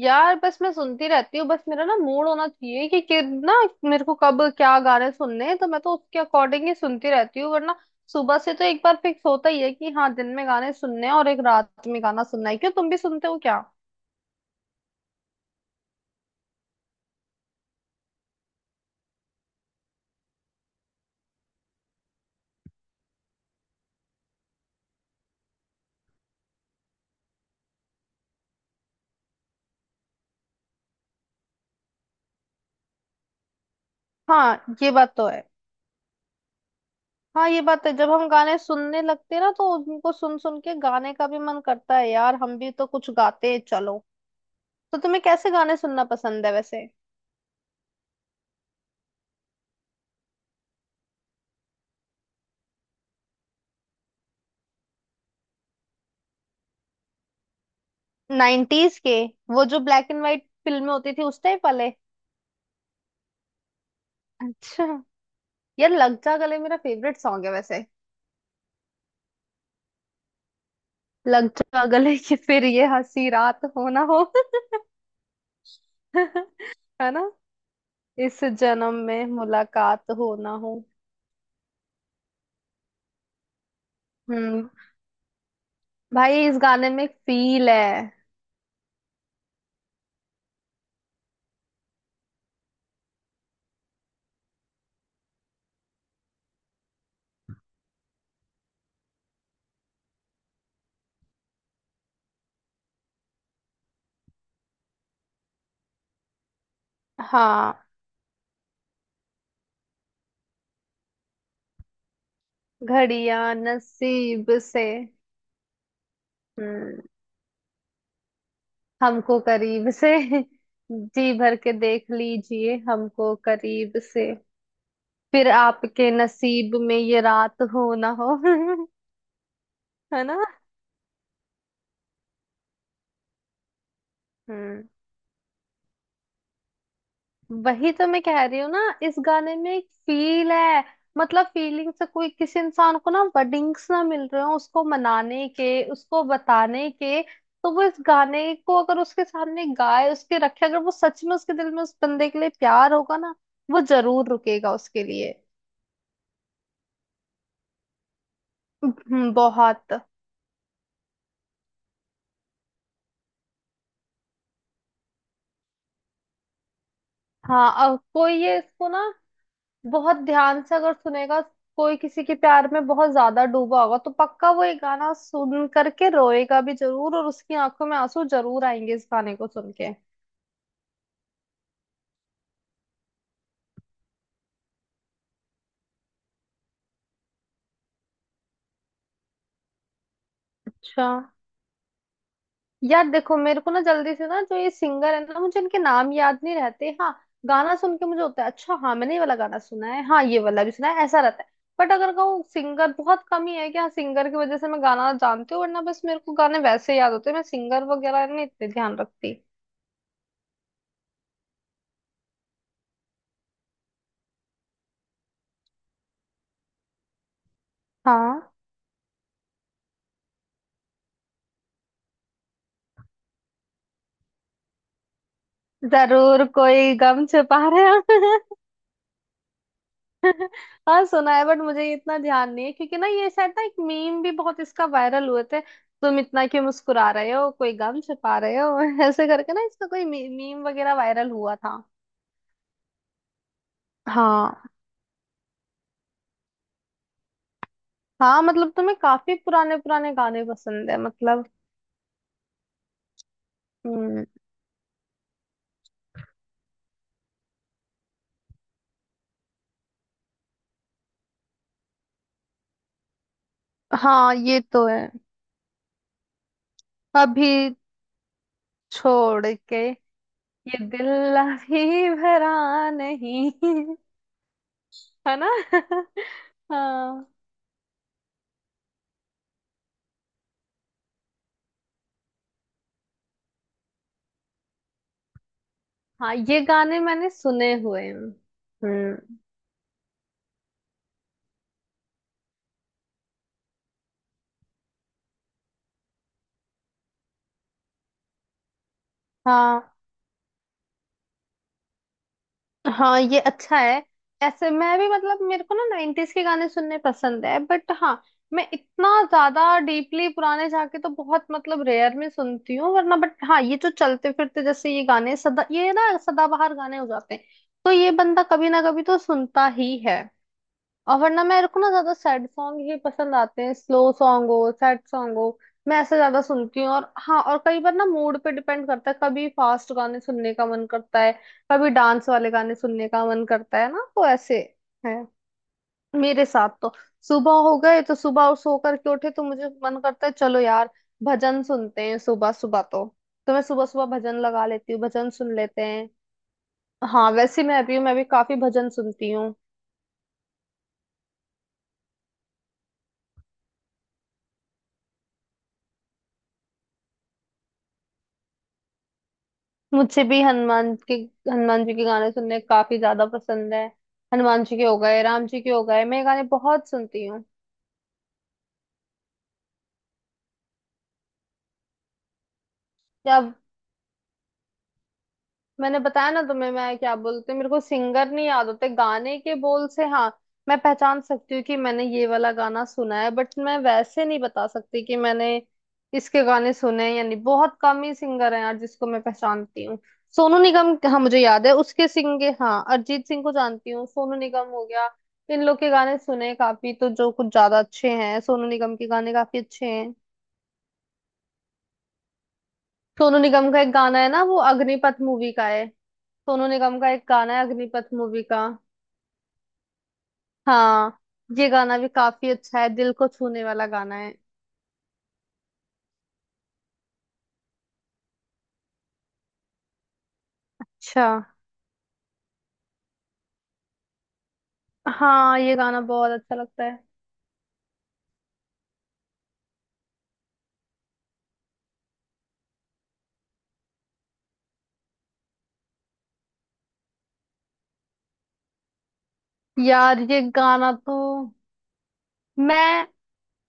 यार बस मैं सुनती रहती हूँ। बस मेरा ना मूड होना चाहिए कि ना मेरे को कब क्या गाने सुनने हैं, तो मैं तो उसके अकॉर्डिंग ही सुनती रहती हूँ। वरना सुबह से तो एक बार फिक्स होता ही है कि हाँ दिन में गाने सुनने हैं और एक रात में गाना सुनना है। क्यों, तुम भी सुनते हो क्या? हाँ, ये बात तो है। हाँ ये बात है, जब हम गाने सुनने लगते हैं ना तो उनको सुन सुन के गाने का भी मन करता है, यार हम भी तो कुछ गाते हैं चलो। तो तुम्हें कैसे गाने सुनना पसंद है वैसे? 90s के, वो जो ब्लैक एंड व्हाइट फिल्में होती थी उस टाइप वाले। अच्छा। यार लग जा गले मेरा फेवरेट सॉन्ग है वैसे। लग जा गले कि फिर ये हंसी रात हो ना हो। है ना। इस जन्म में मुलाकात हो ना हो। हम्म। भाई इस गाने में फील है। हाँ, घड़ियां नसीब से। हम्म। हमको करीब से। जी भर के देख लीजिए हमको करीब से। फिर आपके नसीब में ये रात हो ना हो। है ना। हम्म, वही तो मैं कह रही हूँ ना। इस गाने में एक फील है। मतलब फीलिंग से कोई किसी इंसान को ना वर्डिंग्स ना मिल रहे हो उसको मनाने के, उसको बताने के, तो वो इस गाने को अगर उसके सामने गाए, उसके रखे, अगर वो सच में उसके दिल में उस बंदे के लिए प्यार होगा ना वो जरूर रुकेगा उसके लिए। बहुत। हाँ अब कोई ये इसको ना बहुत ध्यान से अगर सुनेगा, कोई किसी के प्यार में बहुत ज्यादा डूबा होगा, तो पक्का वो ये गाना सुन करके रोएगा भी जरूर और उसकी आंखों में आंसू जरूर आएंगे इस गाने को सुन के। अच्छा। यार देखो मेरे को ना जल्दी से ना जो ये सिंगर है ना मुझे इनके नाम याद नहीं रहते, हाँ गाना सुन के मुझे होता है अच्छा हाँ मैंने ये वाला गाना सुना है, हाँ ये वाला भी सुना है, ऐसा रहता है। बट अगर कहूँ सिंगर बहुत कम ही है कि हाँ सिंगर की वजह से मैं गाना जानती हूँ, वरना बस मेरे को गाने वैसे याद होते हैं, मैं सिंगर वगैरह नहीं इतने ध्यान रखती। हाँ जरूर कोई गम छुपा रहे हो। हाँ सुना है, बट मुझे इतना ध्यान नहीं है, क्योंकि ना ये शायद ना एक मीम भी बहुत इसका वायरल हुए थे। तुम इतना क्यों मुस्कुरा रहे हो, कोई गम छुपा रहे हो, ऐसे करके ना इसका कोई मीम वगैरह वायरल हुआ था। हाँ, हाँ मतलब तुम्हें काफी पुराने पुराने गाने पसंद है मतलब। हम्म। हाँ ये तो है। अभी छोड़ के ये दिल अभी भरा नहीं। है ना। हाँ, हाँ ये गाने मैंने सुने हुए हैं। हम्म। हाँ। हाँ ये अच्छा है। ऐसे मैं भी मतलब मेरे को ना 90s के गाने सुनने पसंद है, बट हाँ मैं इतना ज्यादा डीपली पुराने जाके तो बहुत मतलब रेयर में सुनती हूँ वरना। बट हाँ ये जो चलते फिरते जैसे ये गाने सदा ये ना सदाबहार गाने हो जाते हैं तो ये बंदा कभी ना कभी तो सुनता ही है। और वरना मेरे को ना ज्यादा सैड सॉन्ग ही पसंद आते हैं, स्लो सॉन्ग हो सैड सॉन्ग हो, मैं ऐसे ज्यादा सुनती हूँ। और हाँ और कई बार ना मूड पे डिपेंड करता है, कभी फास्ट गाने सुनने का मन करता है, कभी डांस वाले गाने सुनने का मन करता है ना, तो ऐसे है मेरे साथ तो। सुबह हो गए तो सुबह, और सो करके उठे तो मुझे मन करता है चलो यार भजन सुनते हैं सुबह सुबह, तो मैं सुबह सुबह भजन लगा लेती हूँ, भजन सुन लेते हैं। हाँ वैसे मैं भी काफी भजन सुनती हूँ। मुझे भी हनुमान के, हनुमान जी के गाने सुनने काफी ज्यादा पसंद है। हनुमान जी के हो गए, राम जी के हो गए, मैं ये गाने बहुत सुनती हूँ। या मैंने बताया ना तुम्हें, मैं क्या बोलते मेरे को सिंगर नहीं याद होते, गाने के बोल से हाँ मैं पहचान सकती हूँ कि मैंने ये वाला गाना सुना है, बट मैं वैसे नहीं बता सकती कि मैंने इसके गाने सुने हैं या नहीं। बहुत कम ही सिंगर हैं यार जिसको मैं पहचानती हूँ। सोनू निगम हाँ मुझे याद है, उसके सिंगे हाँ, अरिजीत सिंह को जानती हूँ, सोनू निगम हो गया। इन लोग के गाने सुने काफी, तो जो कुछ ज्यादा अच्छे हैं सोनू निगम के गाने काफी अच्छे हैं। सोनू निगम का एक गाना है ना वो अग्निपथ मूवी का है। सोनू निगम का एक गाना है अग्निपथ मूवी का। हाँ ये गाना भी काफी अच्छा है, दिल को छूने वाला गाना है। अच्छा। हाँ ये गाना बहुत अच्छा लगता है। यार ये गाना तो मैं,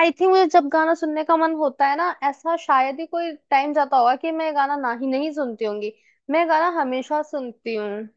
आई थिंक मुझे जब गाना सुनने का मन होता है ना ऐसा शायद ही कोई टाइम जाता होगा कि मैं ये गाना ना ही नहीं सुनती होंगी। मैं ये गाना हमेशा सुनती हूँ।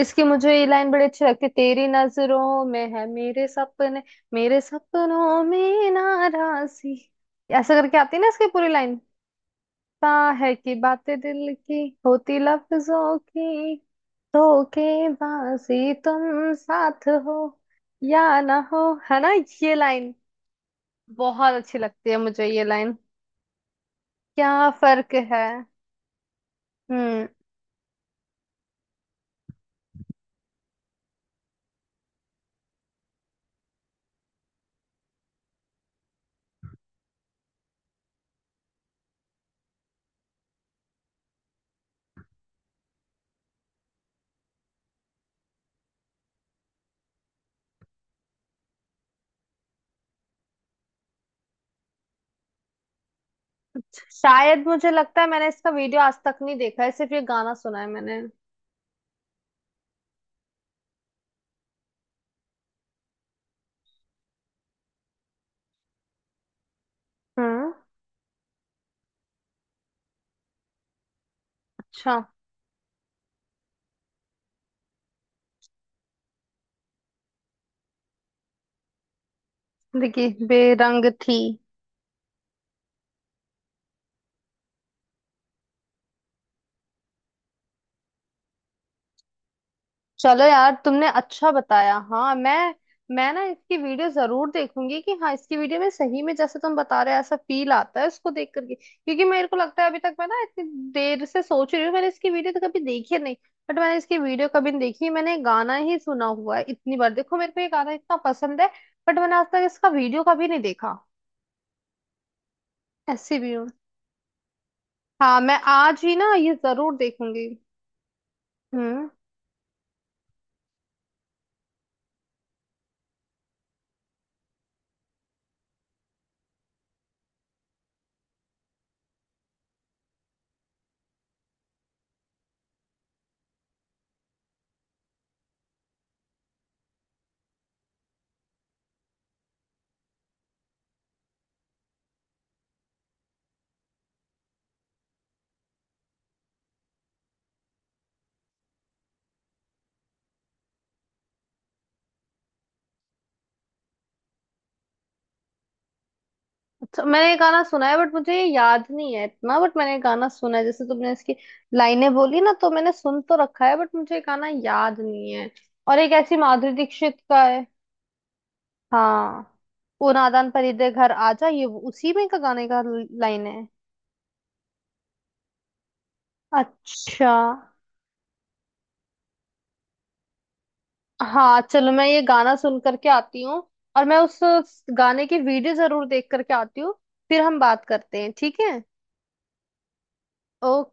इसकी मुझे ये लाइन बड़ी अच्छी लगती है, तेरी नजरों में है मेरे सपने, मेरे सपनों में नाराजी, ऐसा करके आती है ना इसकी पूरी लाइन। ता है कि बातें दिल की होती लफ्जों की धोखेबाजी, तुम साथ हो या ना हो। है ना ये लाइन, बहुत अच्छी लगती है मुझे ये लाइन। क्या फर्क है। हम्म। शायद मुझे लगता है मैंने इसका वीडियो आज तक नहीं देखा है, सिर्फ ये गाना सुना है मैंने। हम्म। अच्छा। देखिए बेरंग थी। चलो यार तुमने अच्छा बताया, हाँ मैं ना इसकी वीडियो जरूर देखूंगी कि हाँ इसकी वीडियो में सही में जैसे तुम बता रहे हो ऐसा फील आता है उसको देख करके, क्योंकि मेरे को लगता है अभी तक मैं ना इतनी देर से सोच रही हूँ मैंने इसकी वीडियो तो कभी देखी नहीं। बट मैंने इसकी वीडियो कभी नहीं देखी, मैंने गाना ही सुना हुआ है, इतनी बार देखो मेरे को ये गाना इतना पसंद है बट मैंने आज तक इसका वीडियो कभी नहीं देखा। ऐसी भी हूँ। हाँ मैं आज ही ना ये जरूर देखूंगी। हम्म। अच्छा मैंने ये गाना सुना है बट मुझे ये याद नहीं है इतना, बट मैंने ये गाना सुना है, जैसे तुमने इसकी लाइनें बोली ना तो मैंने सुन तो रखा है, बट मुझे ये गाना याद नहीं है। और एक ऐसी माधुरी दीक्षित का है। हाँ वो नादान परीदे घर आजा, ये उसी में का गाने का लाइन है। अच्छा। हाँ चलो मैं ये गाना सुन करके आती हूँ और मैं उस गाने की वीडियो जरूर देख करके आती हूँ, फिर हम बात करते हैं ठीक है। ओके।